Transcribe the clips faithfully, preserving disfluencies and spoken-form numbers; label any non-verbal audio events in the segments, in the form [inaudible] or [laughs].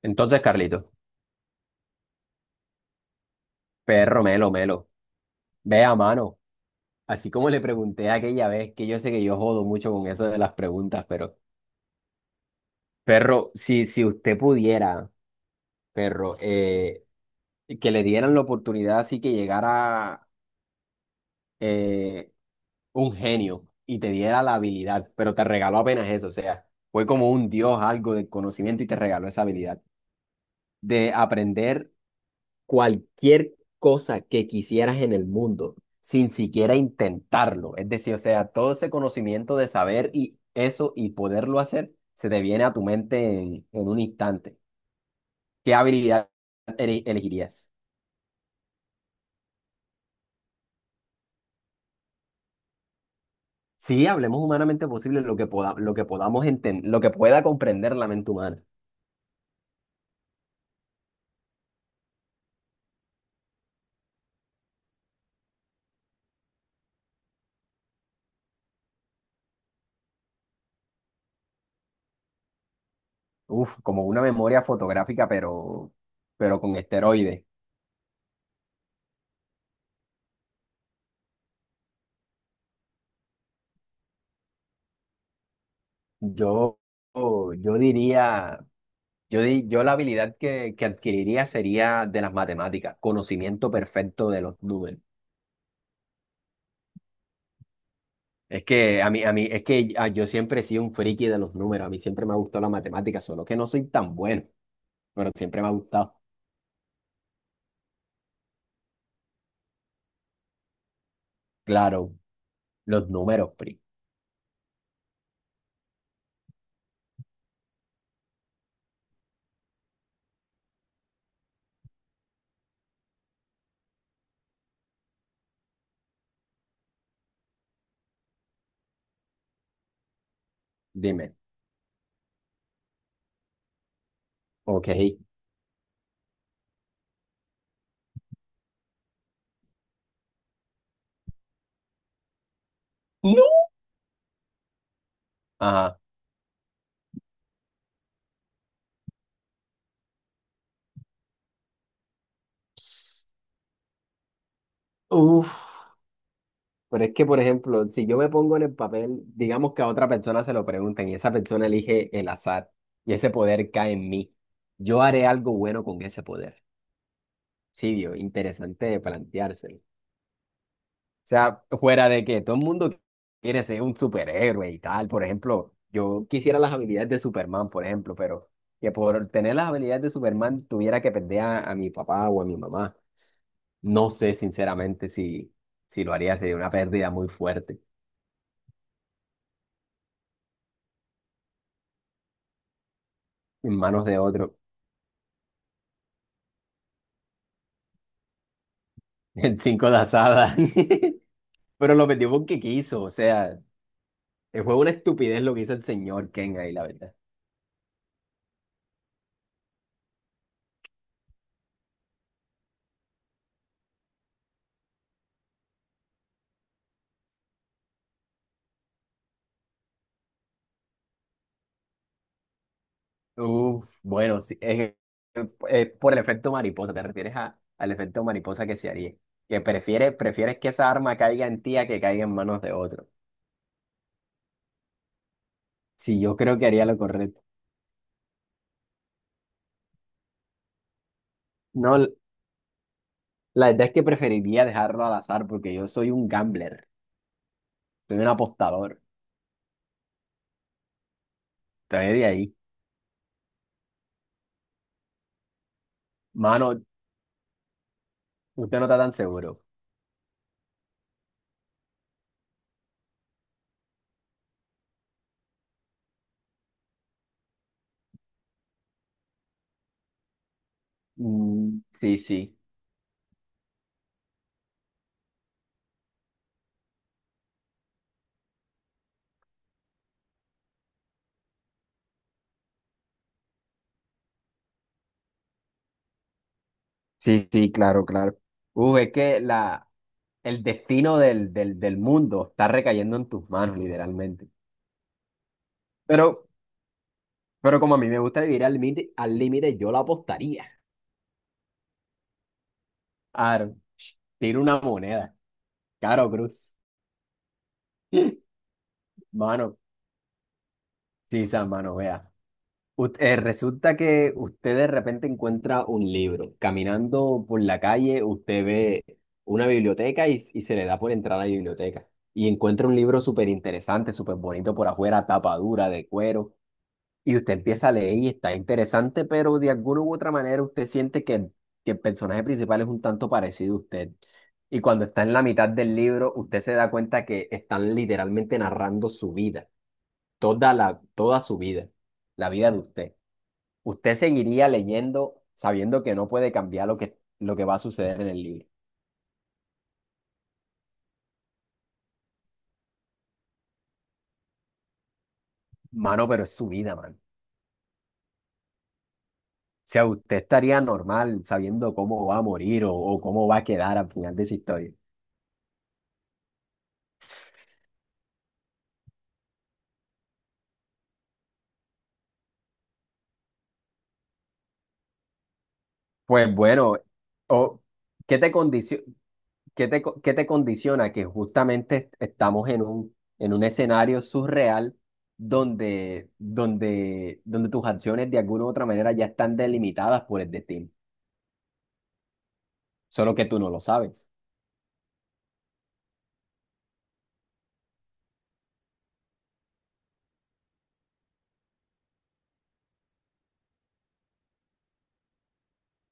Entonces, Carlito, perro melo, melo, ve a mano. Así como le pregunté aquella vez, que yo sé que yo jodo mucho con eso de las preguntas, pero, perro, si, si usted pudiera, perro, eh, que le dieran la oportunidad así que llegara eh, un genio y te diera la habilidad, pero te regaló apenas eso, o sea, fue como un dios, algo de conocimiento y te regaló esa habilidad de aprender cualquier cosa que quisieras en el mundo sin siquiera intentarlo. Es decir, o sea, todo ese conocimiento de saber y eso y poderlo hacer se te viene a tu mente en, en un instante. ¿Qué habilidad ele- elegirías? Sí, hablemos humanamente posible lo que poda- lo que podamos enten- lo que pueda comprender la mente humana. Uf, como una memoria fotográfica, pero, pero con esteroides. Yo, yo diría Yo, di- yo la habilidad que, que adquiriría sería de las matemáticas, conocimiento perfecto de los números. Es que a mí, a mí, es que ah, yo siempre he sido un friki de los números, a mí siempre me ha gustado la matemática, solo que no soy tan bueno, pero siempre me ha gustado. Claro, los números, pri. Dime. Ok. No. Ajá. Uf, pero es que, por ejemplo, si yo me pongo en el papel, digamos que a otra persona se lo pregunten y esa persona elige el azar y ese poder cae en mí, yo haré algo bueno con ese poder. Sí, vio, interesante de planteárselo. O sea, fuera de que todo el mundo quiere ser un superhéroe y tal, por ejemplo, yo quisiera las habilidades de Superman, por ejemplo, pero que por tener las habilidades de Superman tuviera que perder a, a mi papá o a mi mamá. No sé, sinceramente, si, si lo haría, sería una pérdida muy fuerte en manos de otro. [laughs] El cinco de asada. [laughs] Pero lo metió porque quiso, o sea, fue una estupidez lo que hizo el señor Ken ahí, la verdad. Uf, bueno, sí, es que, eh, por el efecto mariposa, te refieres a, al efecto mariposa que se haría, que prefieres, prefieres que esa arma caiga en ti a que caiga en manos de otro. Sí, yo creo que haría lo correcto. No, la verdad es que preferiría dejarlo al azar porque yo soy un gambler, soy un apostador, estoy de ahí. Mano, usted no está tan seguro. Mm, sí, sí. Sí, sí, claro, claro. Uf, es que la, el destino del, del, del mundo está recayendo en tus manos, literalmente. Pero Pero como a mí me gusta vivir al límite, al límite, yo la apostaría. Aro, tiro una moneda. Caro Cruz. Mano, sí, San, mano, vea. Ut- eh, resulta que usted de repente encuentra un libro. Caminando por la calle, usted ve una biblioteca y, y se le da por entrar a la biblioteca. Y encuentra un libro súper interesante, súper bonito por afuera, tapa dura, de cuero. Y usted empieza a leer y está interesante, pero de alguna u otra manera usted siente que, que el personaje principal es un tanto parecido a usted. Y cuando está en la mitad del libro, usted se da cuenta que están literalmente narrando su vida, toda la, toda su vida, la vida de usted. Usted seguiría leyendo sabiendo que no puede cambiar lo que, lo que va a suceder en el libro. Mano, pero es su vida, mano. O sea, usted estaría normal sabiendo cómo va a morir o, o cómo va a quedar al final de esa historia. Pues bueno, o, ¿qué te condicio- qué te, co- qué te condiciona? Que justamente estamos en un, en un escenario surreal donde, donde, donde tus acciones de alguna u otra manera ya están delimitadas por el destino, solo que tú no lo sabes.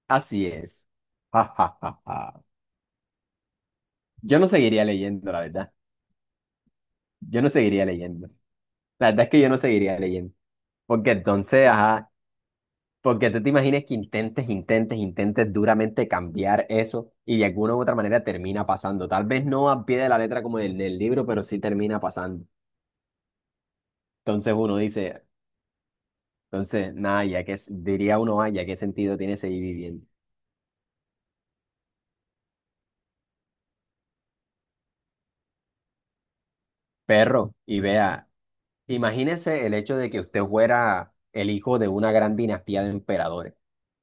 Así es. Ja, ja, ja, ja. Yo no seguiría leyendo, la verdad. Yo no seguiría leyendo. La verdad es que yo no seguiría leyendo. Porque entonces, ajá. Porque tú te imaginas que intentes, intentes, intentes duramente cambiar eso y de alguna u otra manera termina pasando. Tal vez no al pie de la letra como en el libro, pero sí termina pasando. Entonces uno dice, entonces, nada, ya que diría uno, ah, ya qué sentido tiene seguir viviendo. Perro, y vea, imagínese el hecho de que usted fuera el hijo de una gran dinastía de emperadores,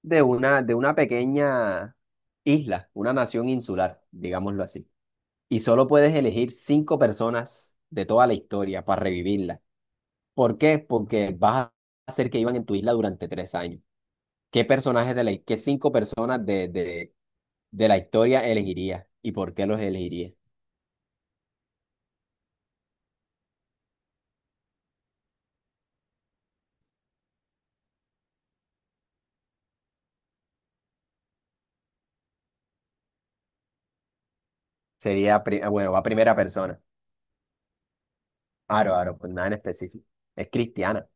de una, de una pequeña isla, una nación insular, digámoslo así. Y solo puedes elegir cinco personas de toda la historia para revivirla. ¿Por qué? Porque vas a hacer que iban en tu isla durante tres años. ¿Qué personajes de la, Qué cinco personas de, de, de la historia elegirías y por qué los elegirías? Sería, pri- ah, bueno, va primera persona. Aro, aro, pues nada en específico. Es cristiana.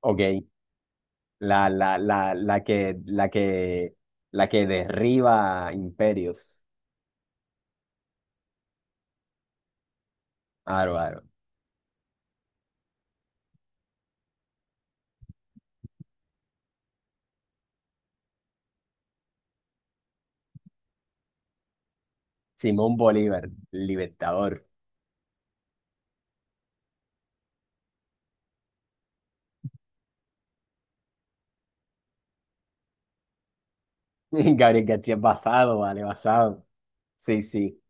Ok. La, la, la, la que, la que, la que derriba imperios. Aro, aro. Simón Bolívar, libertador. [laughs] Gabriel García es basado, vale, basado. Sí, sí.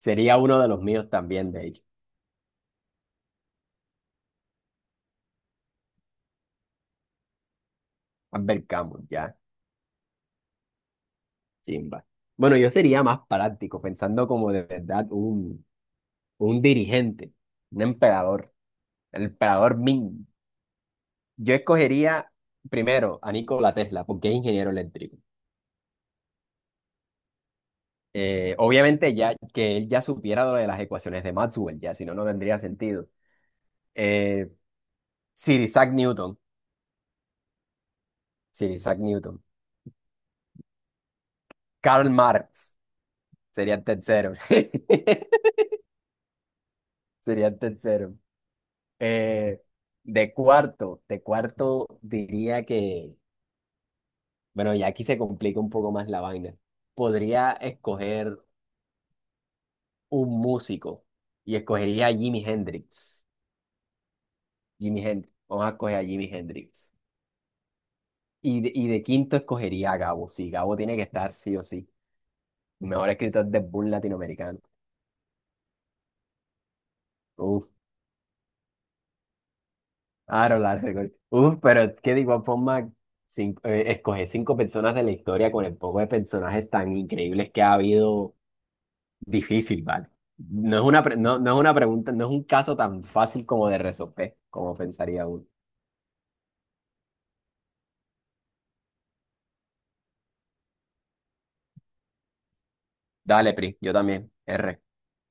Sería uno de los míos también, de hecho. Albert Camus, ya, chimba. Bueno, yo sería más práctico, pensando como de verdad un, un dirigente, un emperador, el emperador Ming. Yo escogería primero a Nikola Tesla, porque es ingeniero eléctrico. Eh, obviamente ya que él ya supiera lo de las ecuaciones de Maxwell, ya, si no, no tendría sentido. Eh, Sir Isaac Newton, Sir Isaac Newton. Karl Marx. Sería tercero. Sería tercero. [laughs] Eh, de cuarto, de cuarto diría que, bueno, ya aquí se complica un poco más la vaina. Podría escoger un músico y escogería a Jimi Hendrix. Jimi Hendrix. Vamos a escoger a Jimi Hendrix. Y de, y de quinto escogería a Gabo. Sí, Gabo tiene que estar sí o sí. Mejor escritor de boom latinoamericano. Uf, Aaron Larregol. Uf, pero es que de igual forma, cin- eh, escoger cinco personas de la historia con el poco de personajes tan increíbles que ha habido, difícil, ¿vale? No es una, pre- no, no es una pregunta, no es un caso tan fácil como de resolver, como pensaría uno. Dale, Pri, yo también. R.